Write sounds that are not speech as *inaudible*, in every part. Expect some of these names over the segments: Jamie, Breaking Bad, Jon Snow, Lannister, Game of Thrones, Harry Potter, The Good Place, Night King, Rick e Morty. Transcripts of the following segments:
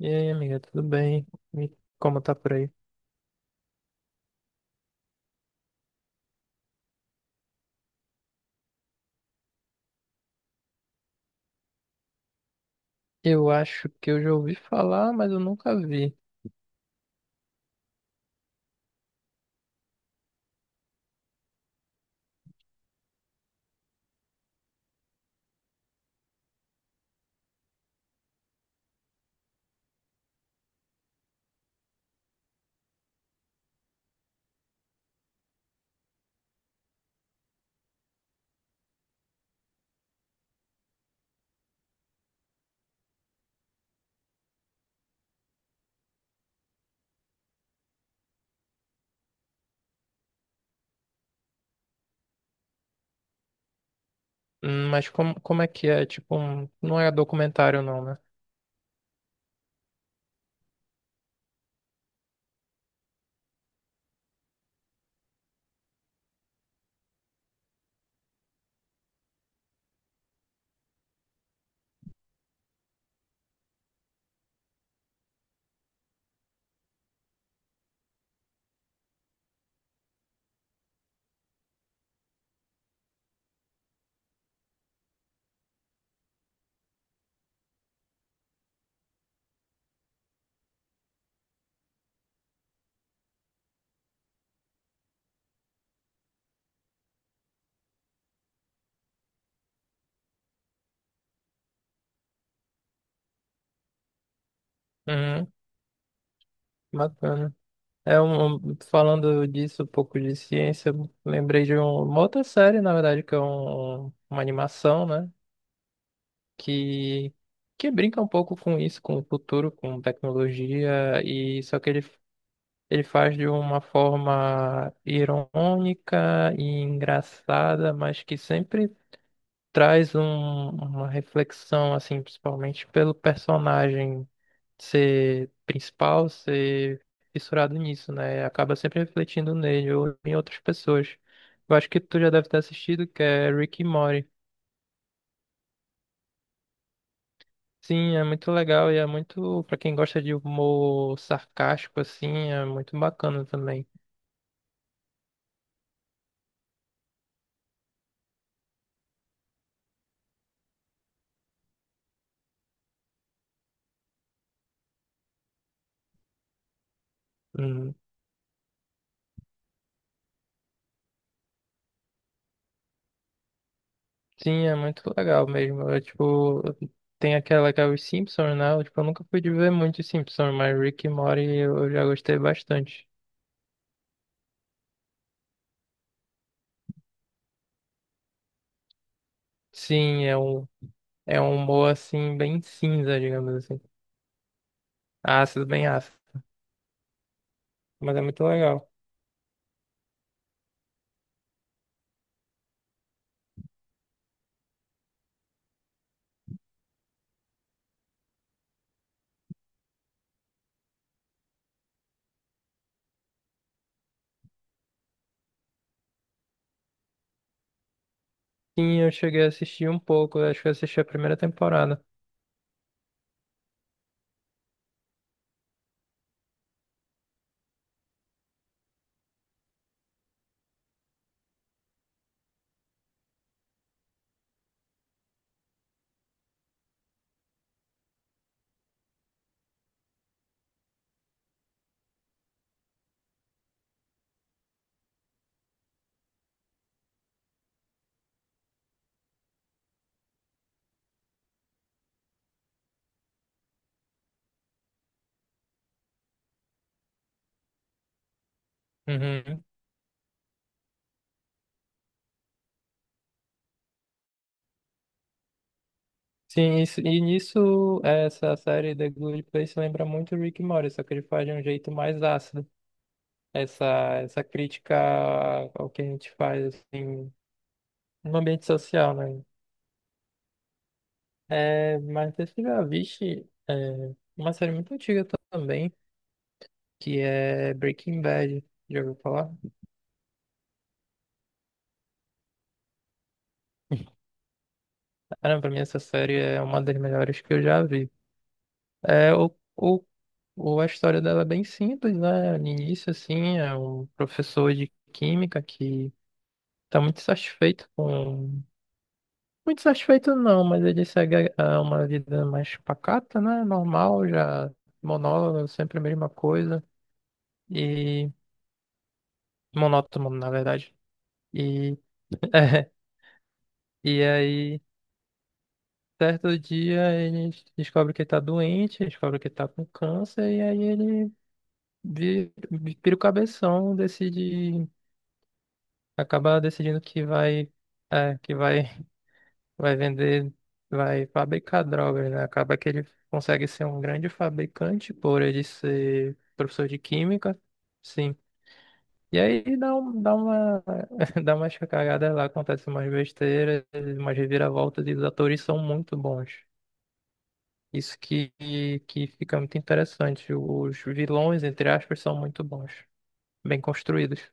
E aí, amiga, tudo bem? E como tá por aí? Eu acho que eu já ouvi falar, mas eu nunca vi. Mas como é que é? Tipo, um, não é documentário não, né? Uhum, bacana. É falando disso, um pouco de ciência, eu lembrei de uma outra série, na verdade, que é uma animação, né? Que, que brinca um pouco com isso, com o futuro, com tecnologia, e só que ele faz de uma forma irônica e engraçada, mas que sempre traz uma reflexão, assim, principalmente pelo personagem ser principal, ser fissurado nisso, né? Acaba sempre refletindo nele ou em outras pessoas. Eu acho que tu já deve ter assistido, que é Rick e Morty. Sim, é muito legal e é muito, pra quem gosta de humor sarcástico, assim, é muito bacana também. Hum. Sim, é muito legal mesmo. É, tipo, tem aquela que é os Simpsons, né? Eu, tipo, eu nunca fui de ver muito Simpsons, mas Rick e Morty eu já gostei bastante. Sim, é é um humor assim, bem cinza, digamos assim. Ácido, bem ácido. Mas é muito legal. Sim, eu cheguei a assistir um pouco, acho que eu assisti a primeira temporada. Uhum. Sim, isso, e nisso, essa série The Good Place lembra muito Rick e Morty, só que ele faz de um jeito mais ácido essa, essa crítica ao que a gente faz, assim, no ambiente social, né? É, mas você já viste uma série muito antiga também, que é Breaking Bad. Já ouviu falar? Cara, pra mim essa série é uma das melhores que eu já vi. É, a história dela é bem simples, né? No início, assim, é um professor de química que tá muito satisfeito com... Muito satisfeito não, mas ele segue uma vida mais pacata, né? Normal, já monólogo, sempre a mesma coisa. E monótono, na verdade. E, *laughs* é, e aí, certo dia, ele descobre que ele tá doente, descobre que ele tá com câncer, e aí ele vira o cabeção, decide, acaba decidindo que vai, que vai, vai vender, vai fabricar drogas, né? Acaba que ele consegue ser um grande fabricante por ele ser professor de química. Sim. E aí dá uma *laughs* dá umas cagadas lá, acontece umas besteiras, umas reviravoltas e os atores são muito bons. Isso que fica muito interessante. Os vilões, entre aspas, são muito bons, bem construídos.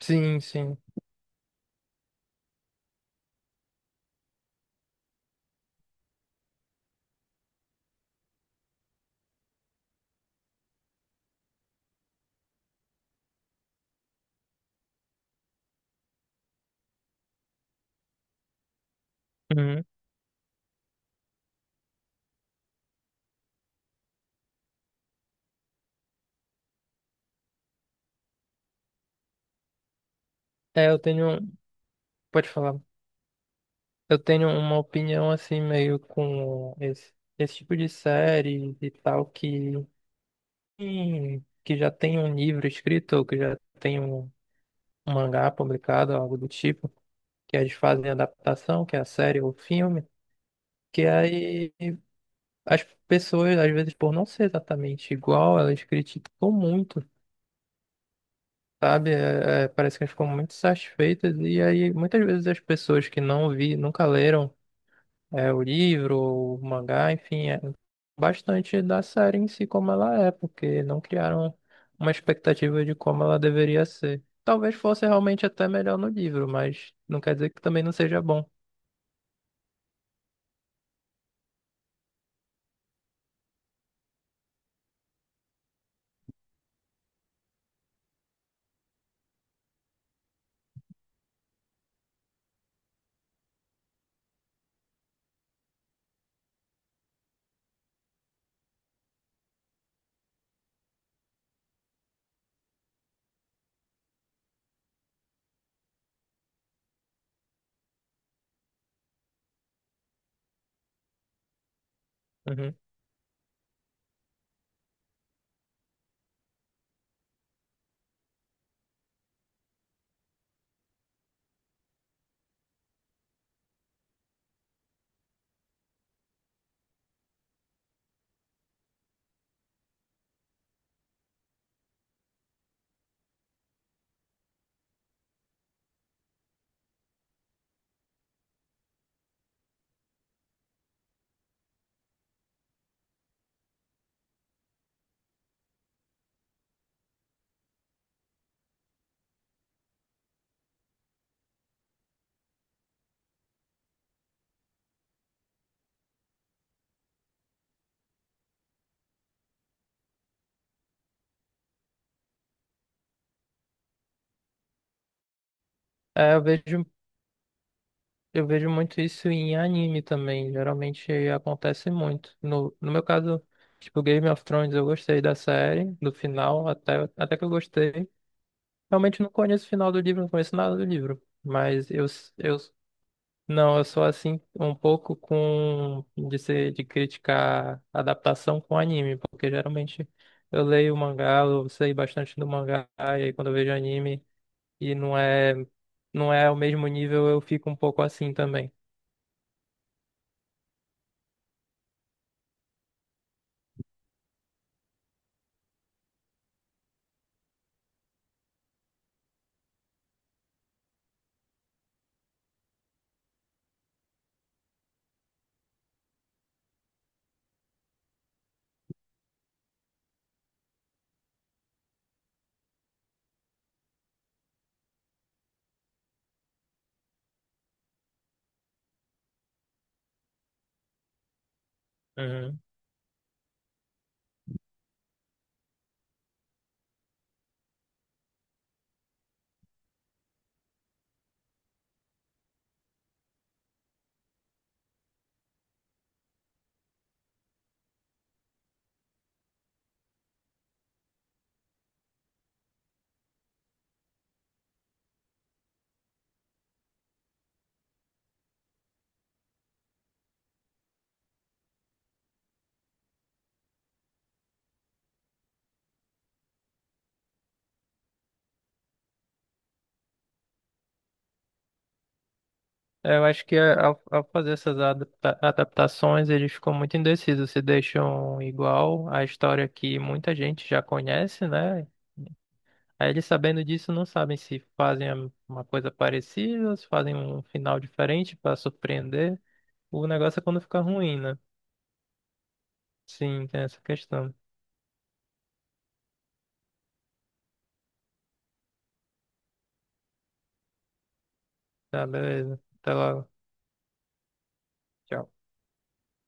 Sim, sim. Uhum. É, eu tenho, pode falar. Eu tenho uma opinião assim meio com esse tipo de série e tal que já tem um livro escrito ou que já tem um mangá publicado, algo do tipo. Que eles fazem adaptação, que é a série ou o filme, que aí as pessoas, às vezes, por não ser exatamente igual, elas criticam muito, sabe? Parece que elas ficam muito satisfeitas, e aí muitas vezes as pessoas que não vi, nunca leram o livro, ou o mangá, enfim, é bastante da série em si como ela é, porque não criaram uma expectativa de como ela deveria ser. Talvez fosse realmente até melhor no livro, mas não quer dizer que também não seja bom. Uhum. É, eu vejo Eu vejo muito isso em anime também. Geralmente acontece muito. No meu caso, tipo Game of Thrones, eu gostei da série, do final, até que eu gostei. Realmente não conheço o final do livro, não conheço nada do livro. Não, eu sou assim um pouco com de ser, de criticar adaptação com anime, porque geralmente eu leio o mangá, eu sei bastante do mangá, e aí quando eu vejo anime e não é o mesmo nível, eu fico um pouco assim também. É, eu acho que ao fazer essas adaptações, eles ficam muito indecisos, se deixam igual a história que muita gente já conhece, né? Aí eles sabendo disso não sabem se fazem uma coisa parecida, se fazem um final diferente para surpreender. O negócio é quando fica ruim, né? Sim, tem essa questão. Tá, beleza. Até logo. Tchau.